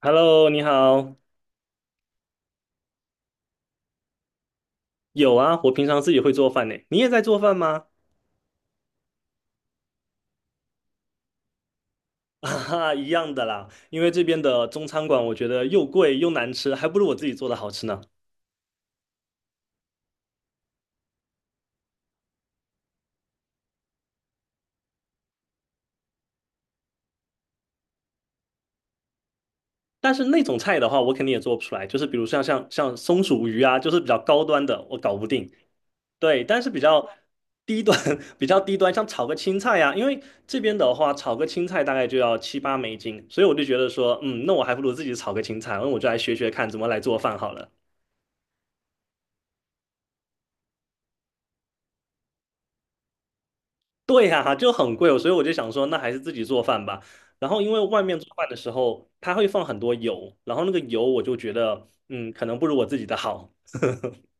Hello，你好。有啊，我平常自己会做饭呢。你也在做饭吗？啊哈，一样的啦。因为这边的中餐馆，我觉得又贵又难吃，还不如我自己做的好吃呢。但是那种菜的话，我肯定也做不出来。就是比如像松鼠鱼啊，就是比较高端的，我搞不定。对，但是比较低端，比较低端，像炒个青菜呀、因为这边的话，炒个青菜大概就要七八美金，所以我就觉得说，嗯，那我还不如自己炒个青菜，那我就来学学看怎么来做饭好了。对呀、就很贵哦，所以我就想说，那还是自己做饭吧。然后因为外面做饭的时候，它会放很多油，然后那个油我就觉得，嗯，可能不如我自己的好。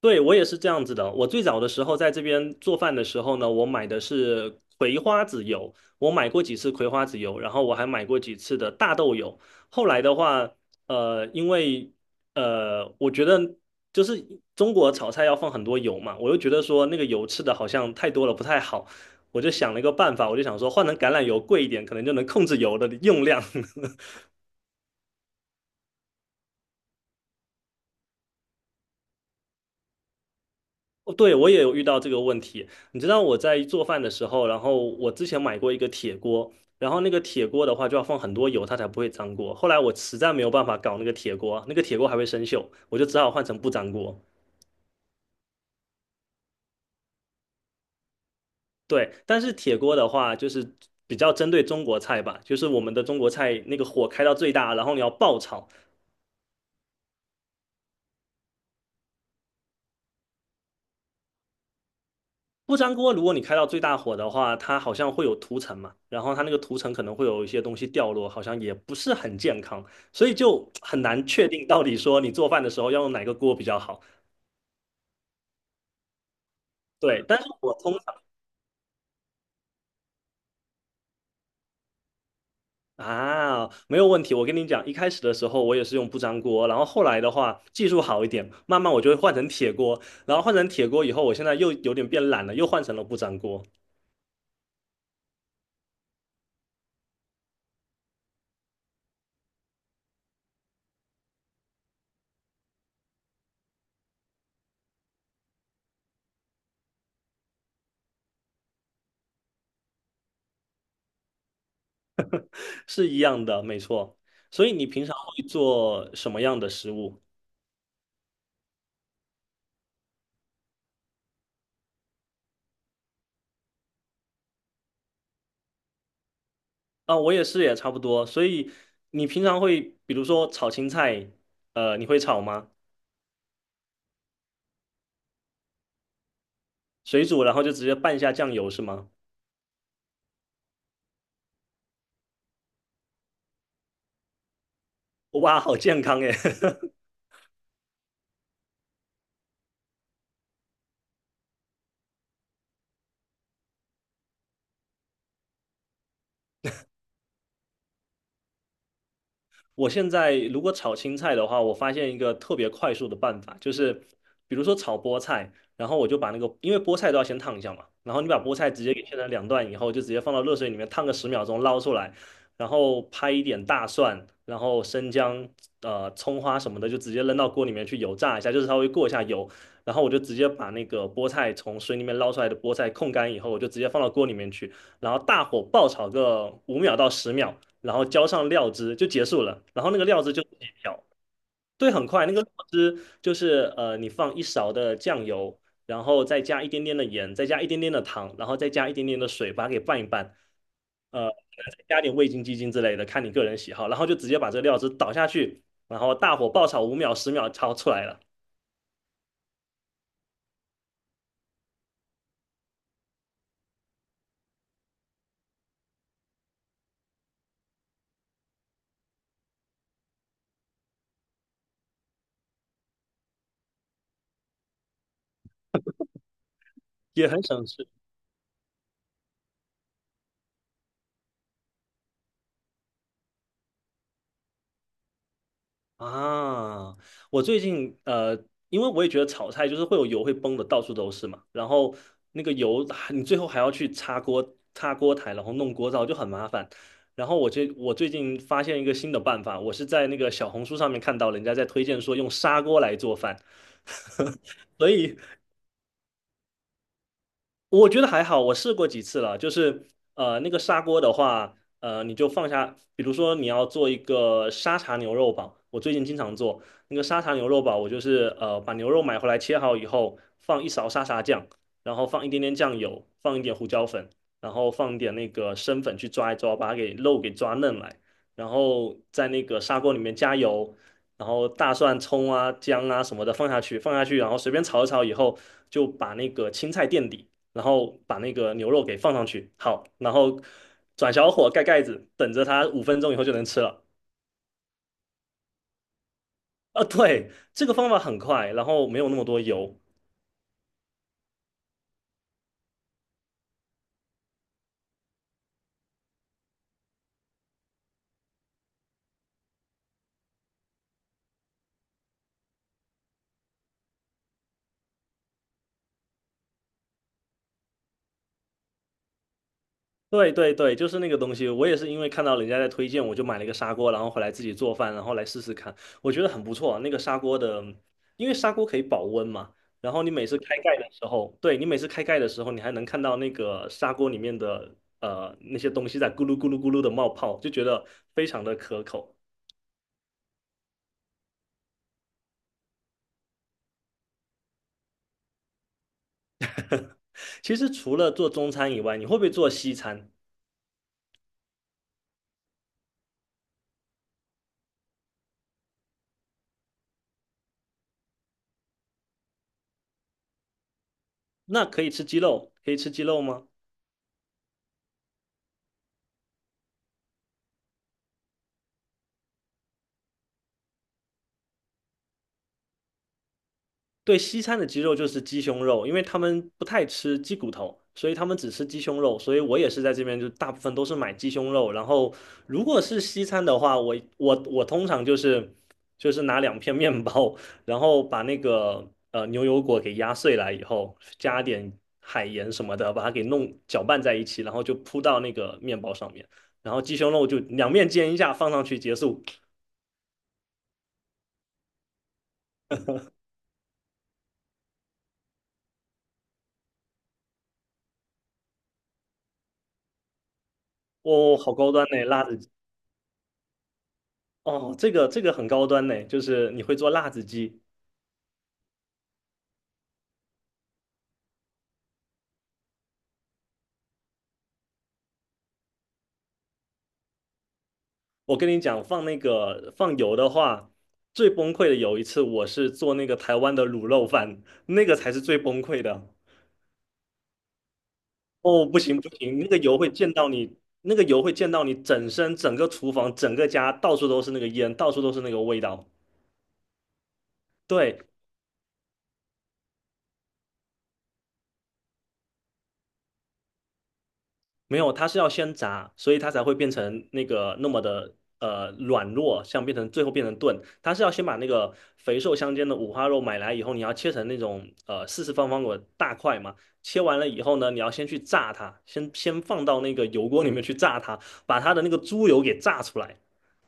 对，我也是这样子的。我最早的时候在这边做饭的时候呢，我买的是葵花籽油，我买过几次葵花籽油，然后我还买过几次的大豆油。后来的话，因为我觉得就是中国炒菜要放很多油嘛，我又觉得说那个油吃的好像太多了不太好，我就想了一个办法，我就想说换成橄榄油贵一点，可能就能控制油的用量。哦对，我也有遇到这个问题。你知道我在做饭的时候，然后我之前买过一个铁锅，然后那个铁锅的话就要放很多油，它才不会粘锅。后来我实在没有办法搞那个铁锅，那个铁锅还会生锈，我就只好换成不粘锅。对，但是铁锅的话就是比较针对中国菜吧，就是我们的中国菜那个火开到最大，然后你要爆炒，不粘锅，如果你开到最大火的话，它好像会有涂层嘛，然后它那个涂层可能会有一些东西掉落，好像也不是很健康，所以就很难确定到底说你做饭的时候要用哪个锅比较好。对，但是我通常啊没有问题，我跟你讲，一开始的时候我也是用不粘锅，然后后来的话技术好一点，慢慢我就会换成铁锅，然后换成铁锅以后，我现在又有点变懒了，又换成了不粘锅，是一样的，没错。所以你平常会做什么样的食物？啊，我也是，也差不多。所以你平常会，比如说炒青菜，你会炒吗？水煮，然后就直接拌一下酱油是吗？哇，好健康耶！我现在如果炒青菜的话，我发现一个特别快速的办法，就是比如说炒菠菜，然后我就把那个，因为菠菜都要先烫一下嘛，然后你把菠菜直接给切成两段以后，就直接放到热水里面烫个10秒钟，捞出来，然后拍一点大蒜，然后生姜、葱花什么的，就直接扔到锅里面去油炸一下，就是稍微过一下油，然后我就直接把那个菠菜从水里面捞出来的菠菜控干以后，我就直接放到锅里面去，然后大火爆炒个5秒到10秒。然后浇上料汁就结束了。然后那个料汁就自己调，对，很快。那个料汁就是你放一勺的酱油，然后再加一点点的盐，再加一点点的糖，然后再加一点点的水，把它给拌一拌。呃，再加点味精、鸡精之类的，看你个人喜好。然后就直接把这个料汁倒下去，然后大火爆炒五秒、十秒，炒出来了，也很省事。啊，我最近因为我也觉得炒菜就是会有油会崩的，到处都是嘛。然后那个油，你最后还要去擦锅、擦锅台，然后弄锅灶就很麻烦。然后我最近发现一个新的办法，我是在那个小红书上面看到人家在推荐说用砂锅来做饭，所以我觉得还好，我试过几次了，就是那个砂锅的话，你就放下，比如说你要做一个沙茶牛肉堡，我最近经常做那个沙茶牛肉堡，我就是把牛肉买回来切好以后，放一勺沙茶酱，然后放一点点酱油，放一点胡椒粉，然后放一点那个生粉去抓一抓，把它给肉给抓嫩来，然后在那个砂锅里面加油。然后大蒜、葱啊、姜啊什么的放下去，放下去，然后随便炒一炒以后，就把那个青菜垫底，然后把那个牛肉给放上去，好，然后转小火盖盖子，等着它5分钟以后就能吃了。啊，对，这个方法很快，然后没有那么多油。对对对，就是那个东西，我也是因为看到人家在推荐，我就买了一个砂锅，然后回来自己做饭，然后来试试看，我觉得很不错啊。那个砂锅的，因为砂锅可以保温嘛，然后你每次开盖的时候，对，你每次开盖的时候，你还能看到那个砂锅里面的那些东西在咕噜咕噜咕噜的冒泡，就觉得非常的可口。其实除了做中餐以外，你会不会做西餐？那可以吃鸡肉，可以吃鸡肉吗？对，西餐的鸡肉就是鸡胸肉，因为他们不太吃鸡骨头，所以他们只吃鸡胸肉。所以我也是在这边，就大部分都是买鸡胸肉。然后如果是西餐的话，我通常就是拿两片面包，然后把那个牛油果给压碎来以后，加点海盐什么的，把它给弄搅拌在一起，然后就铺到那个面包上面。然后鸡胸肉就两面煎一下，放上去结束。哦，好高端呢，辣子鸡。哦，这个这个很高端呢，就是你会做辣子鸡。我跟你讲，放那个放油的话，最崩溃的有一次，我是做那个台湾的卤肉饭，那个才是最崩溃的。哦，不行不行，那个油会溅到你，那个油会溅到你整身、整个厨房、整个家，到处都是那个烟，到处都是那个味道。对，没有，它是要先炸，所以它才会变成那个那么的软弱，像变成最后变成炖。它是要先把那个肥瘦相间的五花肉买来以后，你要切成那种四四方方的大块嘛。切完了以后呢，你要先去炸它，先放到那个油锅里面去炸它，把它的那个猪油给炸出来。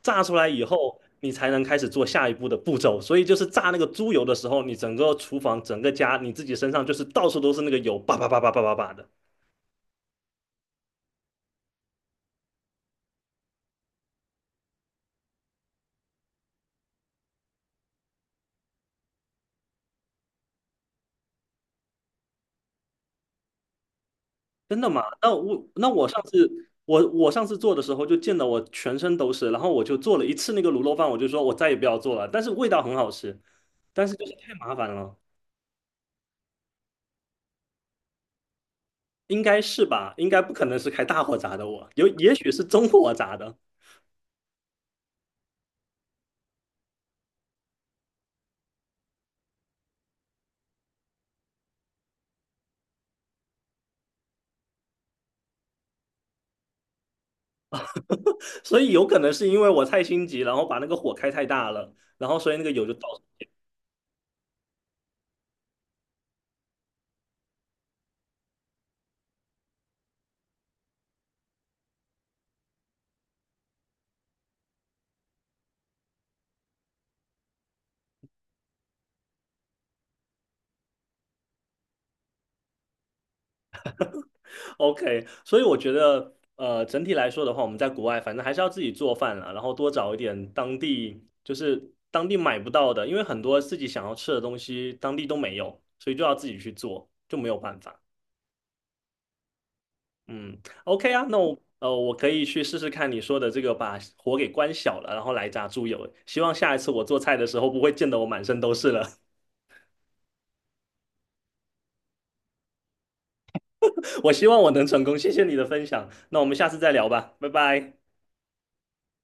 炸出来以后，你才能开始做下一步的步骤。所以就是炸那个猪油的时候，你整个厨房、整个家，你自己身上就是到处都是那个油，叭叭叭叭叭叭叭的。真的吗？那我上次做的时候就溅得我全身都是，然后我就做了一次那个卤肉饭，我就说我再也不要做了，但是味道很好吃，但是就是太麻烦了，应该是吧？应该不可能是开大火炸的我，有也许是中火炸的，所以有可能是因为我太心急，然后把那个火开太大了，然后所以那个油就倒 OK，所以我觉得，整体来说的话，我们在国外反正还是要自己做饭了，然后多找一点当地，就是当地买不到的，因为很多自己想要吃的东西当地都没有，所以就要自己去做，就没有办法。嗯，OK 啊，那我我可以去试试看你说的这个，把火给关小了，然后来炸猪油。希望下一次我做菜的时候不会溅得我满身都是了。我希望我能成功，谢谢你的分享。那我们下次再聊吧，拜拜。